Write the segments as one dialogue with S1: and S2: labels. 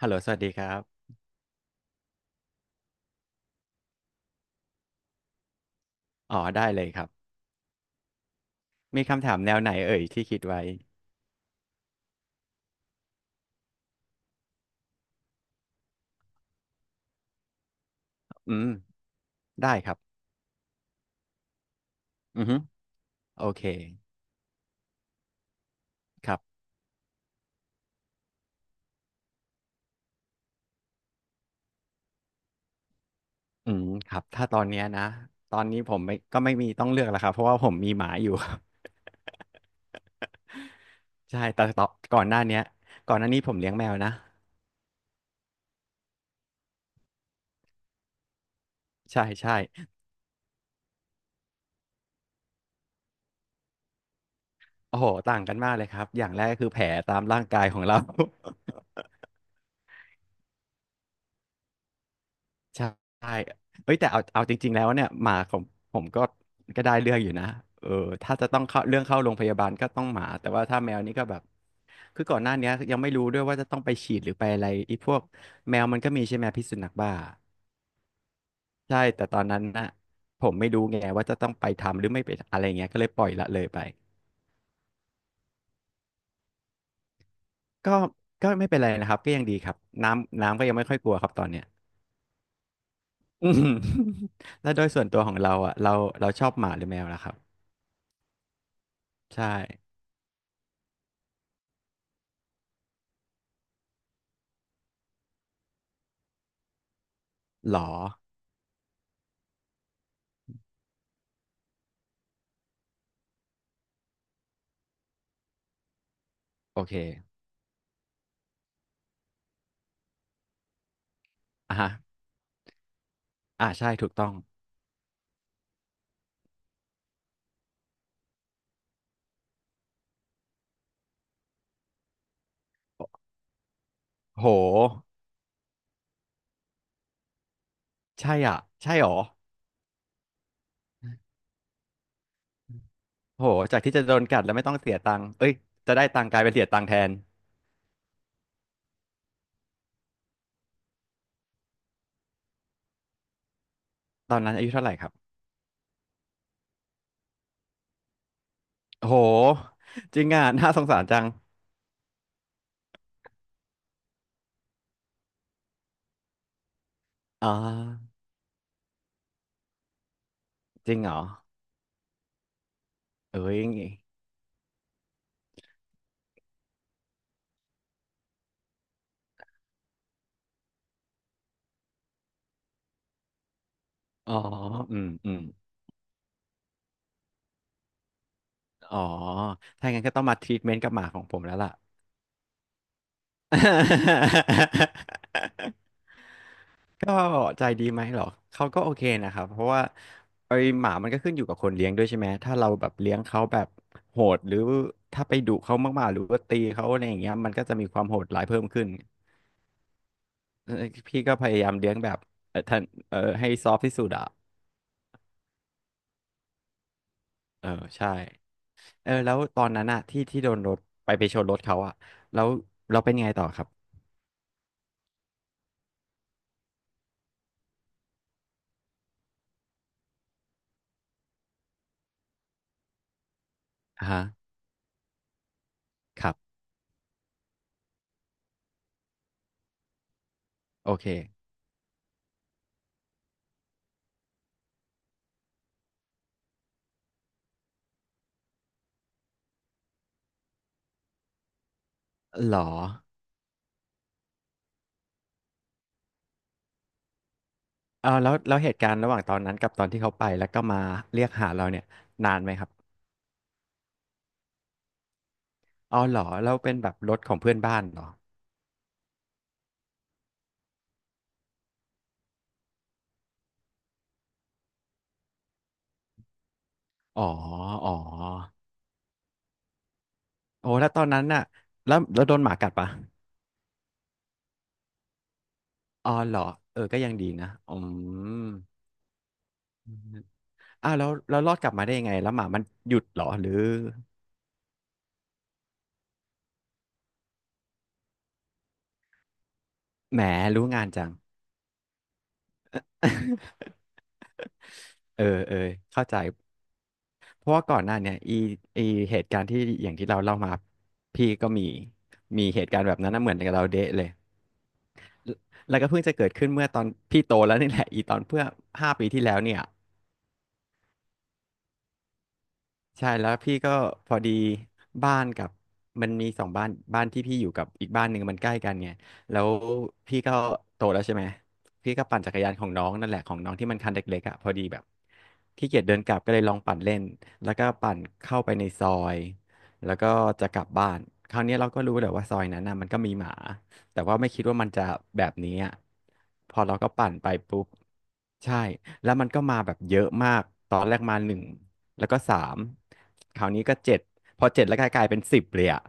S1: ฮัลโหลสวัสดีครับอ๋อได้เลยครับมีคำถามแนวไหนเอ่ยที่คิดไว้อืมได้ครับอือฮึโอเคครับอืมครับถ้าตอนเนี้ยนะตอนนี้ผมไม่ก็ไม่มีต้องเลือกแล้วครับเพราะว่าผมมีหมาอยู่ ใช่แต่ต่อก่อนหน้าเนี้ยก่อนหน้านี้ผมเลี้ยงแมวนะใช่ใช่โอ้โหต่างกันมากเลยครับอย่างแรกก็คือแผลตามร่างกายของเรา ใช่เอ้ยแต่เอาจริงๆแล้วเนี่ยหมาของผมก็ได้เรื่องอยู่นะเออถ้าจะต้องเข้าโรงพยาบาลก็ต้องหมาแต่ว่าถ้าแมวนี่ก็แบบคือก่อนหน้าเนี้ยยังไม่รู้ด้วยว่าจะต้องไปฉีดหรือไปอะไรไอีพวกแมวมันก็มีใช่ไหมพิษสุนัขบ้าใช่แต่ตอนนั้นนะผมไม่รู้ไงว่าจะต้องไปทำหรือไม่ไปอะไรเงี้ยก็เลยปล่อยละเลยไปก็ไม่เป็นไรนะครับก็ยังดีครับน้ำก็ยังไม่ค่อยกลัวครับตอนเนี้ย อืมแล้วโดยส่วนตัวของเราอ่ะเราชอบหมาหรือแมวล่ะครับใช่ หรอโอเคอ่ะฮะอ่าใช่ถูกต้องโหใช่อ่ะใช่หรอโหจากที่จะโดนกัดแล้วไม่ต้องเสียตังค์เอ้ยจะได้ตังค์กลายเป็นเสียตังค์แทนตอนนั้นอายุเท่าไหร่ครับโหจริงอ่ะน่าสงสารจังอ่าจริงเหรอเอ้ยอ๋ออืมอืมอ๋อถ้างั้นก็ต้องมาทรีทเมนต์กับหมาของผมแล้วล่ะ ก็ใจดีไหมเหรอ เขาก็โอเคนะครับ เพราะว่าไอ้หมามันก็ขึ้นอยู่กับคนเลี้ยงด้วยใช่ไหม ถ้าเราแบบเลี้ยงเขาแบบโหดหรือถ้าไปดุเขามากๆหรือว่าตีเขาอะไรอย่างเงี้ยมันก็จะมีความโหดร้ายเพิ่มขึ้นเอ่อพี่ก็พยายามเลี้ยงแบบเออท่านเออให้ซอฟที่สุดอะเออใช่เออแล้วตอนนั้นอะที่ที่โดนรถไปชนรถเขาอะแล้วเราเป็นยังไงต่อครับอ่าฮะครับโอเคหรอเออแล้วเหตุการณ์ระหว่างตอนนั้นกับตอนที่เขาไปแล้วก็มาเรียกหาเราเนี่ยนานไหมครับ อ๋อเหรอแล้วเป็นแบบรถของเพื่อนบ้านเหรออ๋ออ๋อโอ้แล้วตอนนั้นน่ะแล้วโดนหมากัดปะอ๋อเหรอเออก็ยังดีนะอืมอ้าวแล้วรอดกลับมาได้ยังไงแล้วหมามันหยุดเหรอหรือแหมรู้งานจัง เออเออเข้าใจเพราะว่าก่อนหน้าเนี่ยอีเหตุการณ์ที่อย่างที่เราเล่ามาพี่ก็มีเหตุการณ์แบบนั้นนะเหมือนกับเราเดะเลยแล้วก็เพิ่งจะเกิดขึ้นเมื่อตอนพี่โตแล้วนี่แหละอีตอนเพื่อ5 ปีที่แล้วเนี่ย ใช่แล้วพี่ก็พอดีบ้านกับมันมี2 บ้านบ้านที่พี่อยู่กับอีกบ้านหนึ่งมันใกล้กันไงแล้วพี่ก็โตแล้วใช่ไหมพี่ก็ปั่นจักรยานของน้องนั่นแหละของน้องที่มันคันเล็กๆอ่ะพอดีแบบขี้เกียจเดินกลับก็เลยลองปั่นเล่นแล้วก็ปั่นเข้าไปในซอยแล้วก็จะกลับบ้านคราวเนี้ยเราก็รู้แหละว่าซอยนั้นน่ะมันก็มีหมาแต่ว่าไม่คิดว่ามันจะแบบนี้อ่ะพอเราก็ปั่นไปปุ๊บใช่แล้วมันก็มาแบบเยอะมากตอนแรกมาหนึ่ง แล้วก็3คราวนี้ก็เจ็ดพอเจ็ดแล้วกลายเป็น10เลยอ่ะ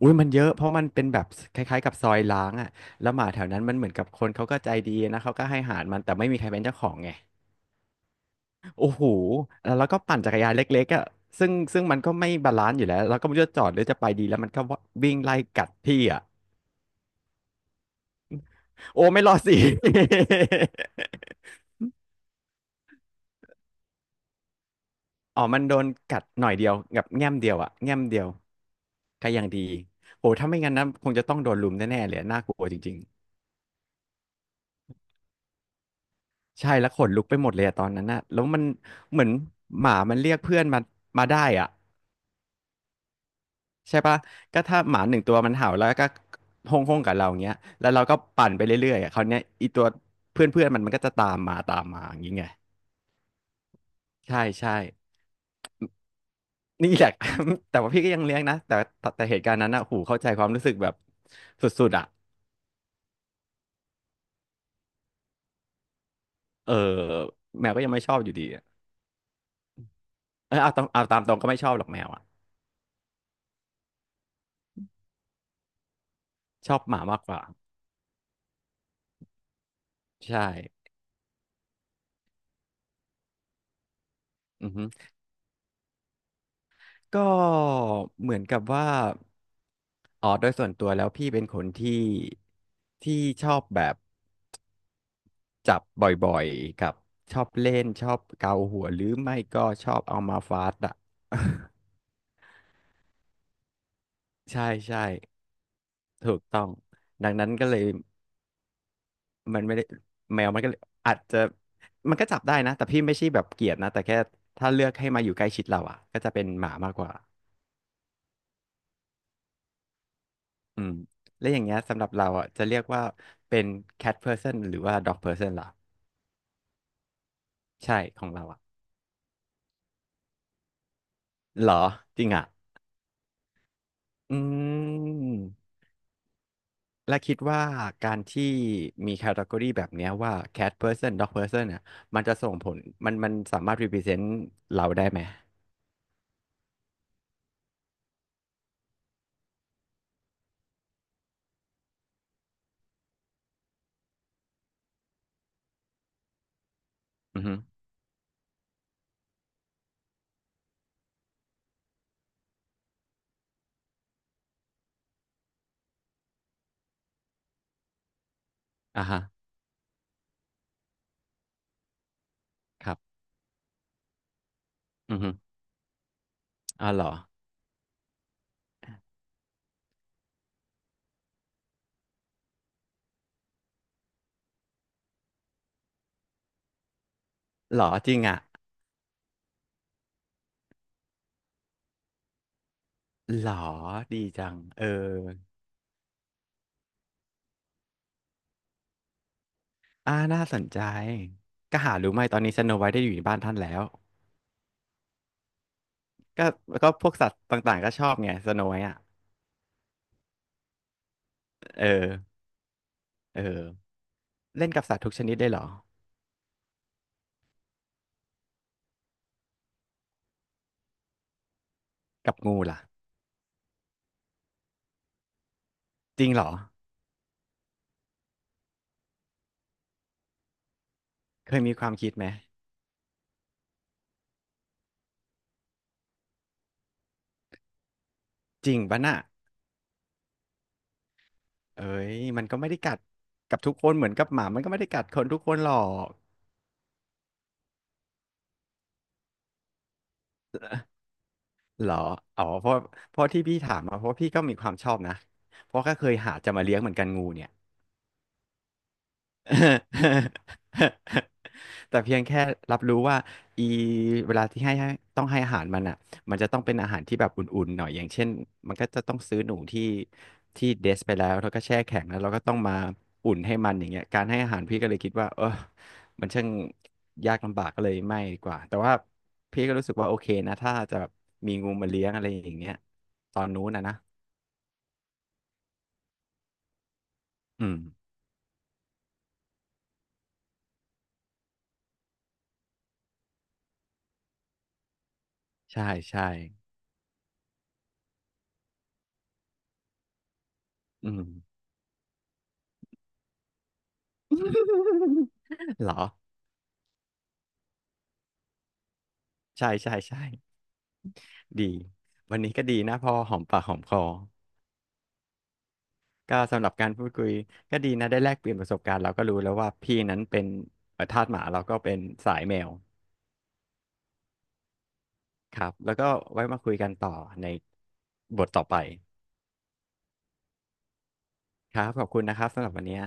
S1: อุ้ยมันเยอะเพราะมันเป็นแบบคล้ายๆกับซอยล้างอ่ะแล้วหมาแถวนั้นมันเหมือนกับคนเขาก็ใจดีนะเขาก็ให้อาหารมันแต่ไม่มีใครเป็นเจ้าของไงโอ้โหแล้วเราก็ปั่นจักรยานเล็กๆอ่ะซึ่งมันก็ไม่บาลานซ์อยู่แล้วเราก็ไม่รู้จะจอดหรือจะไปดีแล้วมันก็วิ่งไล่กัดพี่อ่ะโอ้ไม่รอดสิ อ๋อมันโดนกัดหน่อยเดียวกับแง้มเดียวอ่ะแง้มเดียวก็ยังดีโอ้ถ้าไม่งั้นนะคงจะต้องโดนลุมแน่ๆเลยน่ากลัวจริง ใช่แล้วขนลุกไปหมดเลยอะตอนนั้นน่ะแล้วมันเหมือนหมามันเรียกเพื่อนมามาได้อ่ะใช่ปะก็ถ้าหมา1 ตัวมันเห่าแล้วก็ห้องห้องกับเราเงี้ยแล้วเราก็ปั่นไปเรื่อยๆอะคราวเนี้ยอีตัวเพื่อนเพื่อนมันก็จะตามมาตามมาอย่างงี้ไงใช่ใช่นี่แหละ แต่ว่าพี่ก็ยังเลี้ยงนะแต่แต่เหตุการณ์นั้นอ่ะหูเข้าใจความรู้สึกแบบสุดๆอ่ะเออแมวก็ยังไม่ชอบอยู่ดีอะเออเอาตามตรงก็ไม่ชอบหรอกแมวอ่ะชอบหมามากกว่าใช่อือฮึ ก็เหมือนกับว่าโดยส่วนตัวแล้วพี่เป็นคนที่ที่ชอบแบบจับบ่อยๆกับชอบเล่นชอบเกาหัวหรือไม่ก็ชอบเอามาฟาดอ่ะ ใช่ใช่ถูกต้องดังนั้นก็เลยมันไม่ได้แมวมันก็เลยอาจจะมันก็จับได้นะแต่พี่ไม่ใช่แบบเกลียดนะแต่แค่ถ้าเลือกให้มาอยู่ใกล้ชิดเราอ่ะก็จะเป็นหมามากกว่าอืมแล้วอย่างเงี้ยสำหรับเราอ่ะจะเรียกว่าเป็น cat person หรือว่า dog person ล่ะ ใช่ของเราอ่ะเหรอจริงอ่ะอืมและคิดว่าการที่มีแคตตากรีแบบเนี้ยว่า cat person dog person เนี่ยมันจะส่งผลมันสามารถ represent เราได้ไหมอือฮึอ่าฮะครับอือฮึอ่าเหรอเหรอจริงอ่ะเหรอดีจังเอออ่าน่าสนใจก็หารู้ไหมตอนนี้สโนไวท์ได้อยู่ในบ้านท่านแล้วก็ก็พวกสัตว์ต่างๆก็ชอบไงสโนไวท์อ่ะเออเออเล่นกับสัตว์ทุกชนิดได้เหรอกับงูล่ะ จริงเหรอเคยมีความคิดไหมจริงปะน่ะเอ้ย มันก็ไม่ได้กัดกับทุกคนเหมือนกับหมามันก็ไม่ได้กัดคนทุกคนหรอกเหรออ๋อเพราะเพราะที่พี่ถามมาเพราะพี่ก็มีความชอบนะเพราะก็เคยหาจะมาเลี้ยงเหมือนกันงูเนี่ย แต่เพียงแค่รับรู้ว่าอีเวลาที่ให้ต้องให้อาหารมันอ่ะมันจะต้องเป็นอาหารที่แบบอุ่นๆหน่อยอย่างเช่นมันก็จะต้องซื้อหนูที่เดสไปแล้วแล้วก็แช่แข็งแล้วเราก็ต้องมาอุ่นให้มันอย่างเงี้ยการให้อาหารพี่ก็เลยคิดว่าเออมันช่างยากลำบากก็เลยไม่ดีกว่าแต่ว่าพี่ก็รู้สึกว่าโอเคนะถ้าจะแบบมีงูมาเลี้ยงอะไรอย่างเงี้ยตอนนู้นนะนะอืมใช่ใช่อืม เหรอ ใช่ใช่ใช่ดีวันนี้ก็ดีนะพอหอมปากหอมคอก็สำหรับการพูดคุยก็ดีนะได้แลกเปลี่ยนประสบการณ์เราก็รู้แล้วว่าพี่นั้นเป็นทาสหมาเราก็เป็นสายแมวครับแล้วก็ไว้มาคุยกันต่อในบทต่อไปครับขอบคุณนะครับสำหรับวันนี้